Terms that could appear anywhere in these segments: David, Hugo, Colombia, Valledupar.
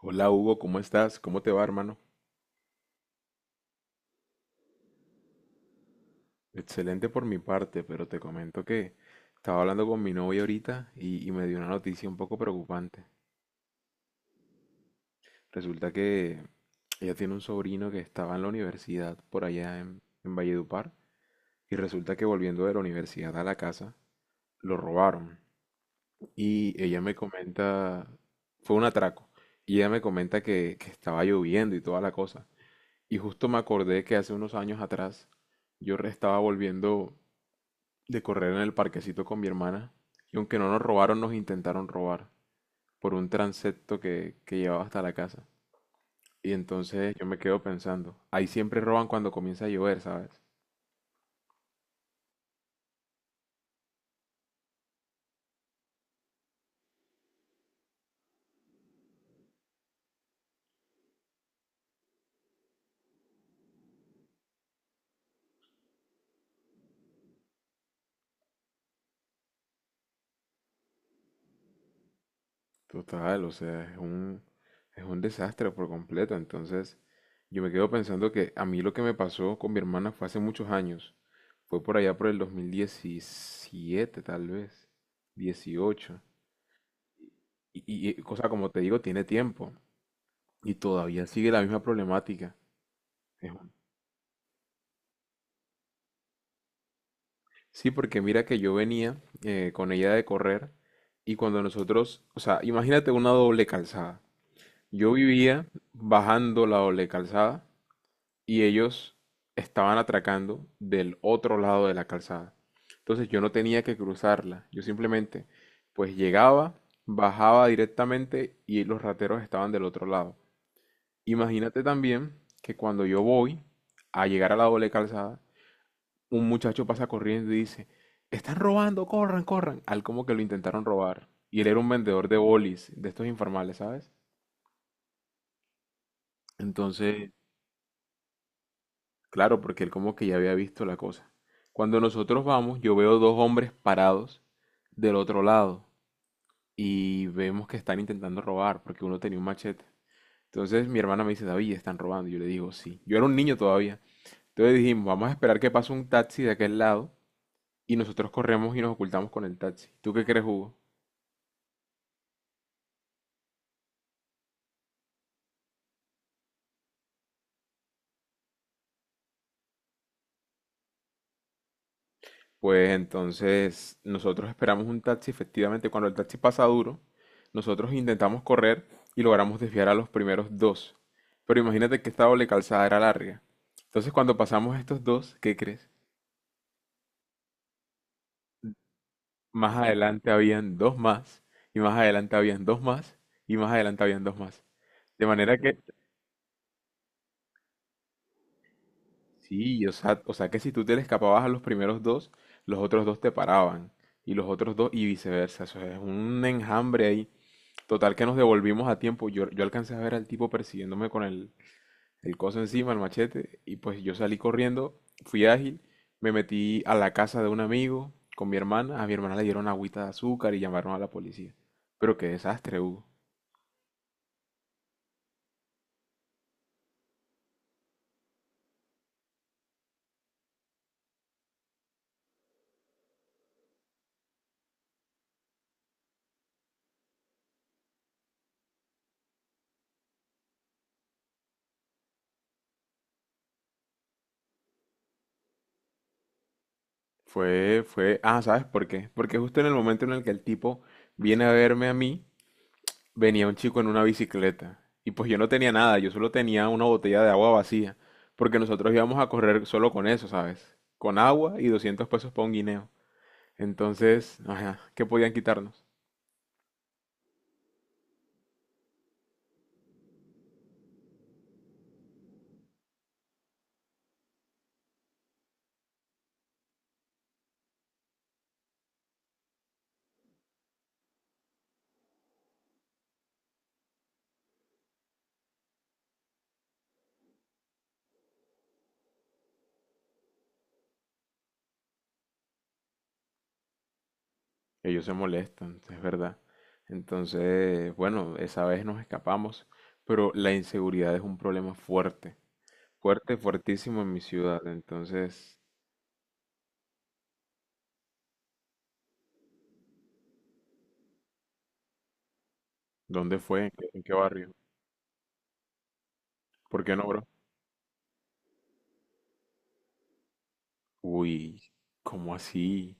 Hola Hugo, ¿cómo estás? ¿Cómo te va, hermano? Excelente por mi parte, pero te comento que estaba hablando con mi novia ahorita y me dio una noticia un poco preocupante. Resulta que ella tiene un sobrino que estaba en la universidad por allá en Valledupar y resulta que volviendo de la universidad a la casa lo robaron. Y ella me comenta, fue un atraco, y ella me comenta que estaba lloviendo y toda la cosa. Y justo me acordé que hace unos años atrás estaba volviendo de correr en el parquecito con mi hermana, y aunque no nos robaron, nos intentaron robar por un transepto que llevaba hasta la casa. Y entonces yo me quedo pensando, ahí siempre roban cuando comienza a llover, ¿sabes? Total, o sea, es un desastre por completo. Entonces yo me quedo pensando que a mí lo que me pasó con mi hermana fue hace muchos años. Fue por allá por el 2017, tal vez, 18. O sea, como te digo, tiene tiempo. Y todavía sigue la misma problemática. Es un- Sí, porque mira que yo venía con ella de correr y cuando nosotros, o sea, imagínate una doble calzada. Yo vivía bajando la doble calzada y ellos estaban atracando del otro lado de la calzada. Entonces yo no tenía que cruzarla. Yo simplemente, pues llegaba, bajaba directamente y los rateros estaban del otro lado. Imagínate también que cuando yo voy a llegar a la doble calzada, un muchacho pasa corriendo y dice, están robando, corran, corran, al como que lo intentaron robar. Y él era un vendedor de bolis, de estos informales, ¿sabes? Entonces, claro, porque él como que ya había visto la cosa. Cuando nosotros vamos, yo veo dos hombres parados del otro lado y vemos que están intentando robar porque uno tenía un machete. Entonces mi hermana me dice, David, están robando. Yo le digo, sí. Yo era un niño todavía. Entonces dijimos, vamos a esperar que pase un taxi de aquel lado y nosotros corremos y nos ocultamos con el taxi. ¿Tú qué crees, Hugo? Pues entonces nosotros esperamos un taxi, efectivamente, cuando el taxi pasa duro, nosotros intentamos correr y logramos desviar a los primeros dos. Pero imagínate que esta doble calzada era larga. Entonces cuando pasamos estos dos, ¿qué crees? Más adelante habían dos más, y más adelante habían dos más, y más adelante habían dos más. De manera que, sí, o sea que si tú te le escapabas a los primeros dos, los otros dos te paraban, y los otros dos, y viceversa. Eso es un enjambre ahí. Total que nos devolvimos a tiempo. Yo alcancé a ver al tipo persiguiéndome con el coso encima, el machete, y pues yo salí corriendo, fui ágil, me metí a la casa de un amigo con mi hermana. A mi hermana le dieron agüita de azúcar y llamaron a la policía. Pero qué desastre, Hugo. ¿Sabes por qué? Porque justo en el momento en el que el tipo viene a verme a mí, venía un chico en una bicicleta y pues yo no tenía nada, yo solo tenía una botella de agua vacía, porque nosotros íbamos a correr solo con eso, ¿sabes? Con agua y 200 pesos para un guineo. Entonces, ajá, ¿qué podían quitarnos? Ellos se molestan, es verdad. Entonces, bueno, esa vez nos escapamos, pero la inseguridad es un problema fuerte, fuerte, fuertísimo en mi ciudad. Entonces, ¿dónde fue? En qué barrio? ¿Por qué no, bro? Uy, ¿cómo así?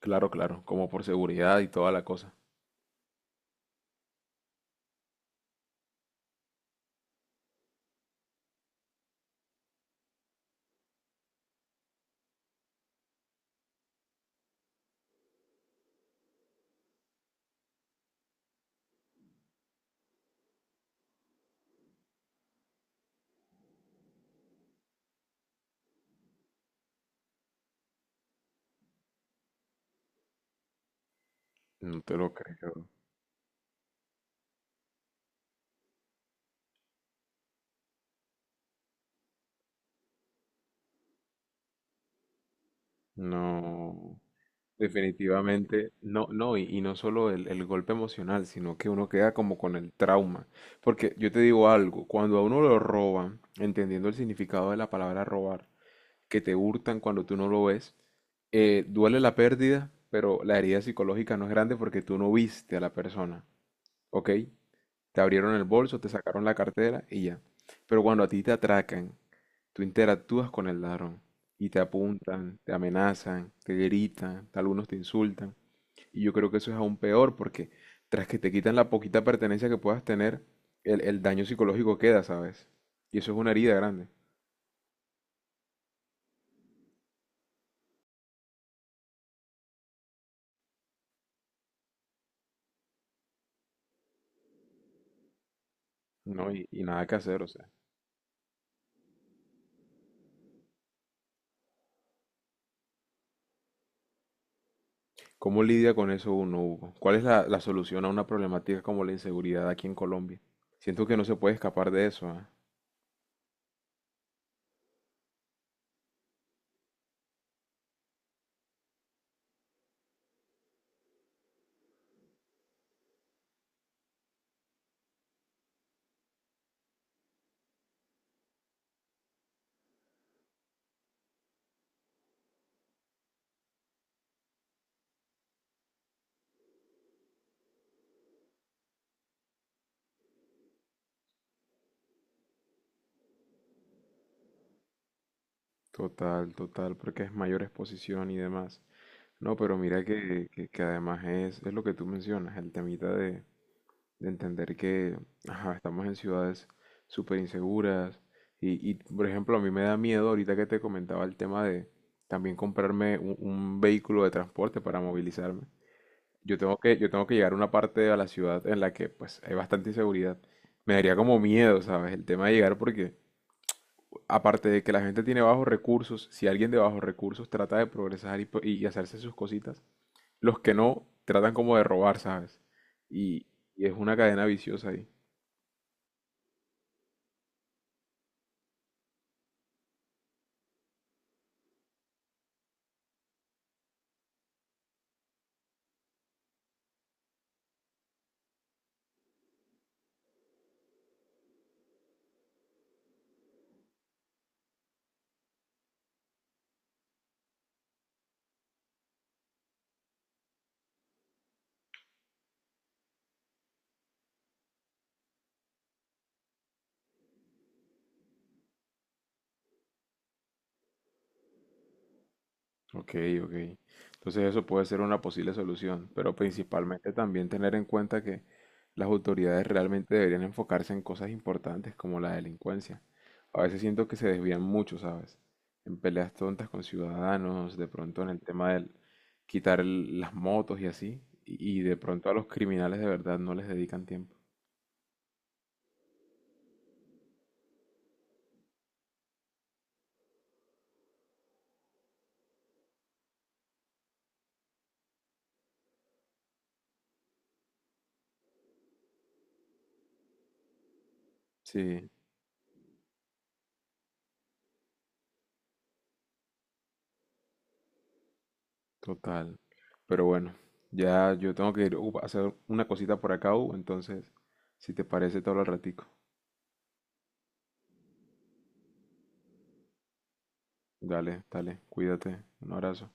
Claro, claro, como por seguridad y toda la cosa. No te lo creo. No, definitivamente no, no, y no solo el golpe emocional, sino que uno queda como con el trauma. Porque yo te digo algo, cuando a uno lo roban, entendiendo el significado de la palabra robar, que te hurtan cuando tú no lo ves, duele la pérdida, pero la herida psicológica no es grande porque tú no viste a la persona, ¿ok? Te abrieron el bolso, te sacaron la cartera y ya. Pero cuando a ti te atracan, tú interactúas con el ladrón y te apuntan, te amenazan, te gritan, algunos te insultan. Y yo creo que eso es aún peor porque tras que te quitan la poquita pertenencia que puedas tener, el daño psicológico queda, ¿sabes? Y eso es una herida grande, ¿no? Y nada que hacer, o sea. ¿Cómo lidia con eso uno, Hugo? ¿Cuál es la solución a una problemática como la inseguridad aquí en Colombia? Siento que no se puede escapar de eso, ¿ah? Total, total, porque es mayor exposición y demás. No, pero mira que además es lo que tú mencionas, de entender que ajá, estamos en ciudades súper inseguras y, por ejemplo, a mí me da miedo ahorita que te comentaba el tema de también comprarme un vehículo de transporte para movilizarme. Yo tengo que llegar a una parte de la ciudad en la que pues hay bastante inseguridad. Me daría como miedo, ¿sabes? El tema de llegar porque aparte de que la gente tiene bajos recursos, si alguien de bajos recursos trata de progresar y hacerse sus cositas, los que no tratan como de robar, ¿sabes? Y, y es una cadena viciosa ahí. Ok, ok. Entonces eso puede ser una posible solución, pero principalmente también tener en cuenta que las autoridades realmente deberían enfocarse en cosas importantes como la delincuencia. A veces siento que se desvían mucho, ¿sabes? En peleas tontas con ciudadanos, de pronto en el tema del quitar las motos y así, y de pronto a los criminales de verdad no les dedican tiempo. Sí. Total. Pero bueno, ya yo tengo que ir a hacer una cosita por acá, entonces, si te parece, te hablo al ratico. Dale, dale, cuídate. Un abrazo.